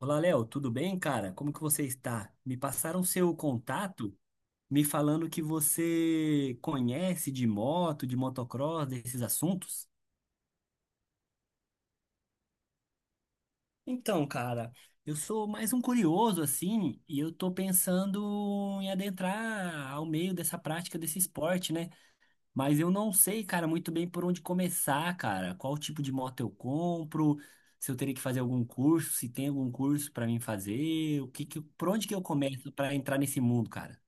Olá, Léo, tudo bem, cara? Como que você está? Me passaram seu contato, me falando que você conhece de moto, de motocross, desses assuntos. Então, cara, eu sou mais um curioso assim, e eu tô pensando em adentrar ao meio dessa prática desse esporte, né? Mas eu não sei, cara, muito bem por onde começar, cara. Qual tipo de moto eu compro? Se eu teria que fazer algum curso, se tem algum curso para mim fazer, por onde que eu começo para entrar nesse mundo, cara?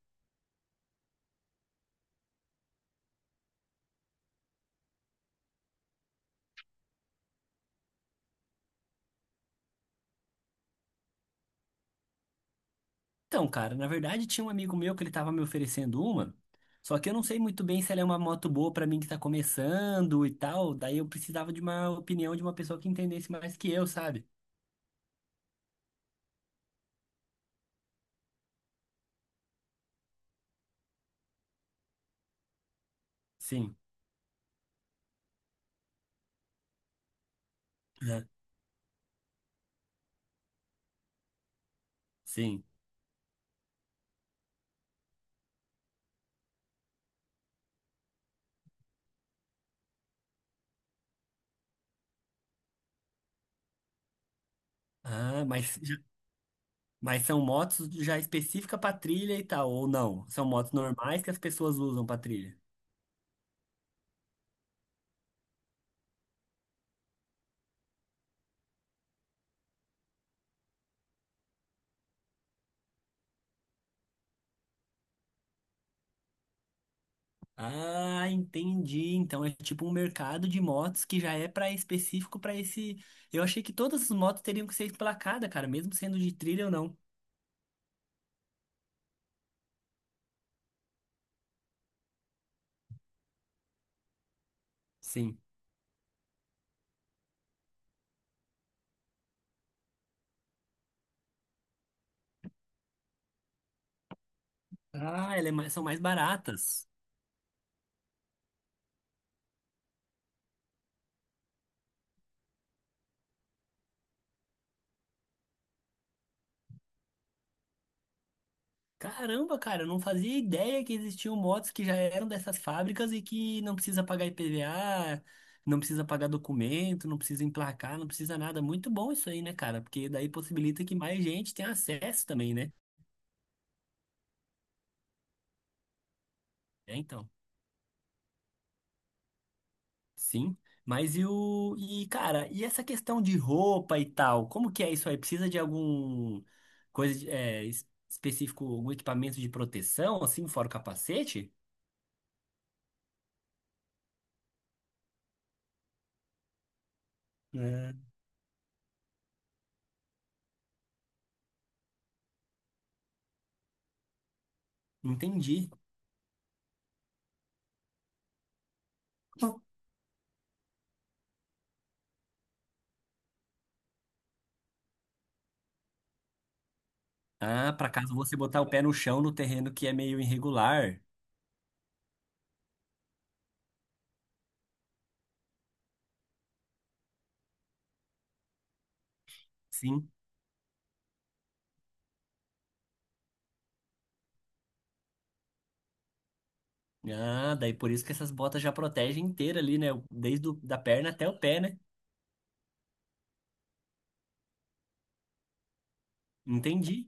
Então, cara, na verdade tinha um amigo meu que ele tava me oferecendo uma, só que eu não sei muito bem se ela é uma moto boa pra mim que tá começando e tal, daí eu precisava de uma opinião de uma pessoa que entendesse mais que eu, sabe? Sim, né? Sim. Ah, mas são motos já específica pra trilha e tal, ou não? São motos normais que as pessoas usam pra trilha? Ah, entendi. Então é tipo um mercado de motos que já é para específico para esse. Eu achei que todas as motos teriam que ser emplacadas, cara, mesmo sendo de trilha ou não. Sim. Ah, são mais baratas. Caramba, cara, eu não fazia ideia que existiam motos que já eram dessas fábricas e que não precisa pagar IPVA, não precisa pagar documento, não precisa emplacar, não precisa nada. Muito bom isso aí, né, cara? Porque daí possibilita que mais gente tenha acesso também, né? É, então. Sim. Mas e o. E, cara, e essa questão de roupa e tal? Como que é isso aí? Precisa de algum coisa de- é, es- específico, algum equipamento de proteção, assim, fora o capacete? É. Entendi. Ah, para caso você botar o pé no chão no terreno que é meio irregular. Sim. Ah, daí por isso que essas botas já protegem inteira ali, né? Desde o, da perna até o pé, né? Entendi.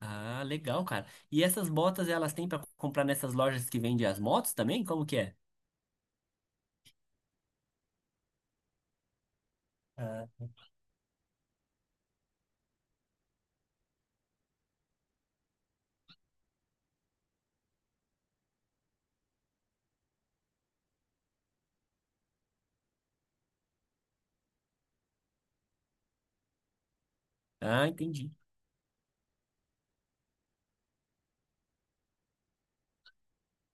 Ah, legal, cara. E essas botas elas têm para comprar nessas lojas que vendem as motos também? Como que é? Ah. Ah, entendi.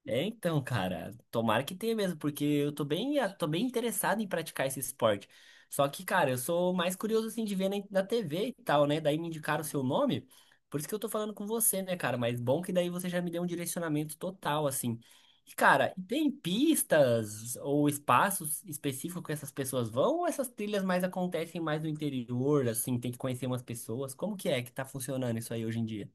É, então, cara, tomara que tenha mesmo, porque eu tô bem interessado em praticar esse esporte. Só que, cara, eu sou mais curioso, assim, de ver na TV e tal, né? Daí me indicaram o seu nome, por isso que eu tô falando com você, né, cara? Mas bom que daí você já me deu um direcionamento total, assim. E, cara, tem pistas ou espaços específicos que essas pessoas vão ou essas trilhas mais acontecem mais no interior, assim, tem que conhecer umas pessoas? Como que é que tá funcionando isso aí hoje em dia?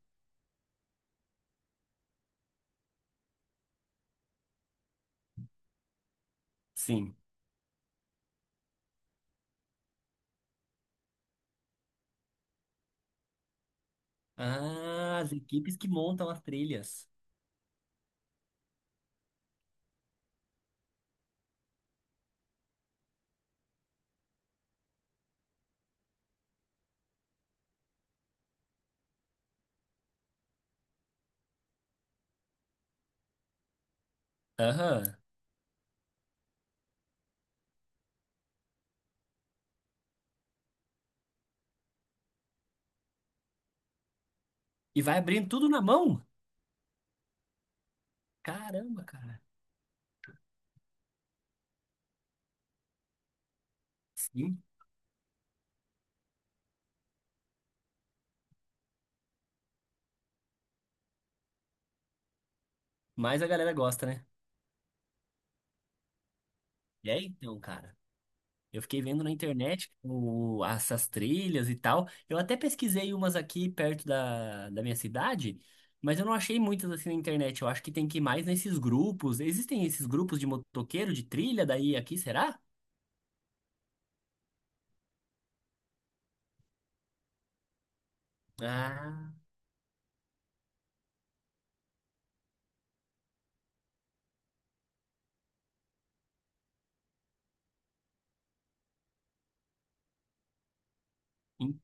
Sim. Ah, as equipes que montam as trilhas. Aham. E vai abrindo tudo na mão? Caramba, cara. Sim, mas a galera gosta, né? E aí, então, cara, eu fiquei vendo na internet o, essas trilhas e tal. Eu até pesquisei umas aqui perto da minha cidade, mas eu não achei muitas assim na internet. Eu acho que tem que ir mais nesses grupos. Existem esses grupos de motoqueiro, de trilha daí aqui, será? Ah, en-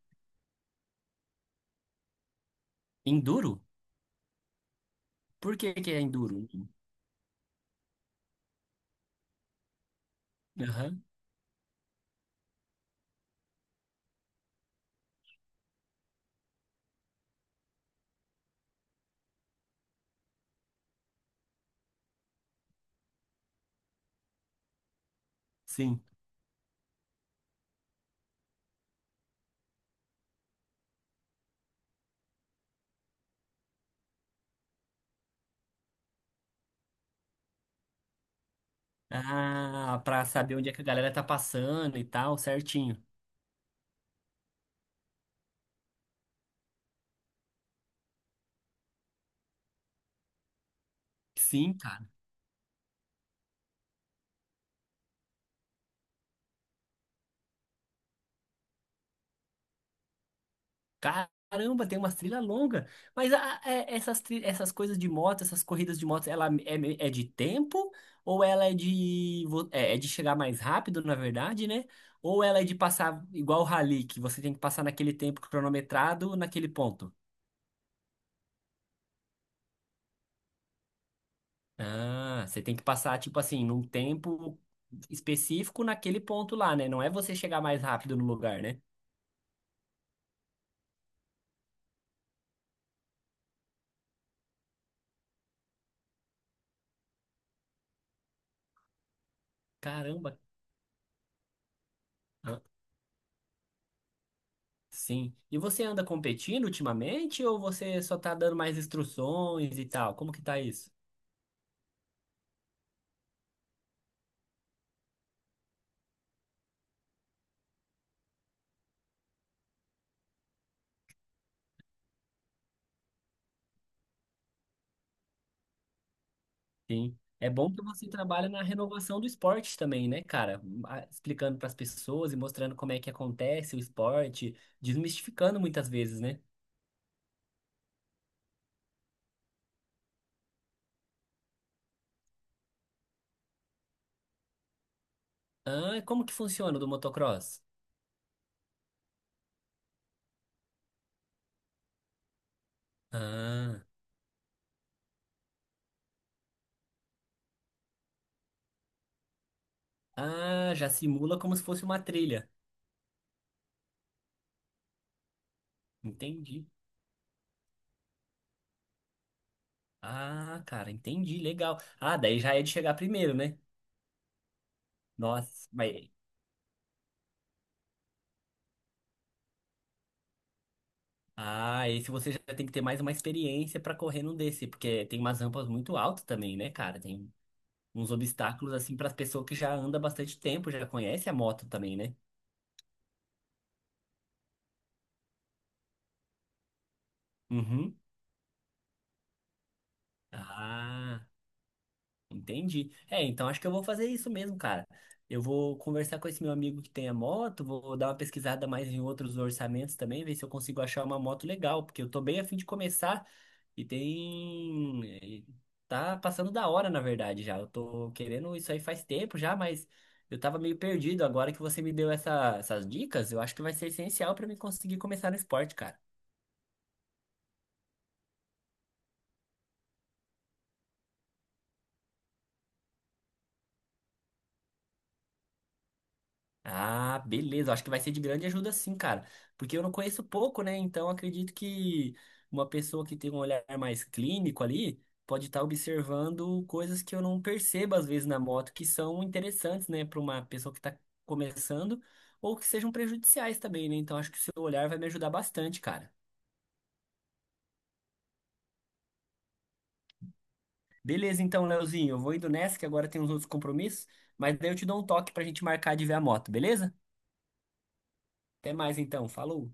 enduro? Por que que é enduro? Aham, sim. Ah, pra saber onde é que a galera tá passando e tal, certinho. Sim, cara. Caramba, tem umas trilhas longas. Mas essas, essas coisas de moto, essas corridas de moto, é de tempo? Ou ela é de, vo- é, é de chegar mais rápido, na verdade, né? Ou ela é de passar igual o rally, que você tem que passar naquele tempo cronometrado, naquele ponto? Ah, você tem que passar, tipo assim, num tempo específico naquele ponto lá, né? Não é você chegar mais rápido no lugar, né? Caramba. Sim. E você anda competindo ultimamente ou você só tá dando mais instruções e tal? Como que tá isso? Sim. É bom que você trabalha na renovação do esporte também, né, cara? Explicando para as pessoas e mostrando como é que acontece o esporte, desmistificando muitas vezes, né? Ah, e como que funciona o do motocross? Ah, ah, já simula como se fosse uma trilha. Entendi. Ah, cara, entendi, legal. Ah, daí já é de chegar primeiro, né? Nossa, mas ah, esse você já tem que ter mais uma experiência pra correr num desse, porque tem umas rampas muito altas também, né, cara? Tem uns obstáculos assim para as pessoas que já andam bastante tempo, já conhece a moto também, né? Uhum. Ah, entendi. É, então acho que eu vou fazer isso mesmo, cara. Eu vou conversar com esse meu amigo que tem a moto, vou dar uma pesquisada mais em outros orçamentos também, ver se eu consigo achar uma moto legal, porque eu tô bem a fim de começar. E tem. eh, Tá passando da hora, na verdade, já. Eu tô querendo isso aí faz tempo já, mas eu tava meio perdido. Agora que você me deu essas dicas, eu acho que vai ser essencial pra mim conseguir começar no esporte, cara. Ah, beleza. Acho que vai ser de grande ajuda sim, cara. Porque eu não conheço pouco, né? Então acredito que uma pessoa que tem um olhar mais clínico ali pode estar observando coisas que eu não percebo às vezes na moto, que são interessantes, né, para uma pessoa que está começando ou que sejam prejudiciais também, né? Então acho que o seu olhar vai me ajudar bastante, cara. Beleza, então, Leozinho, eu vou indo nessa que agora tem uns outros compromissos, mas daí eu te dou um toque pra gente marcar de ver a moto, beleza? Até mais então, falou.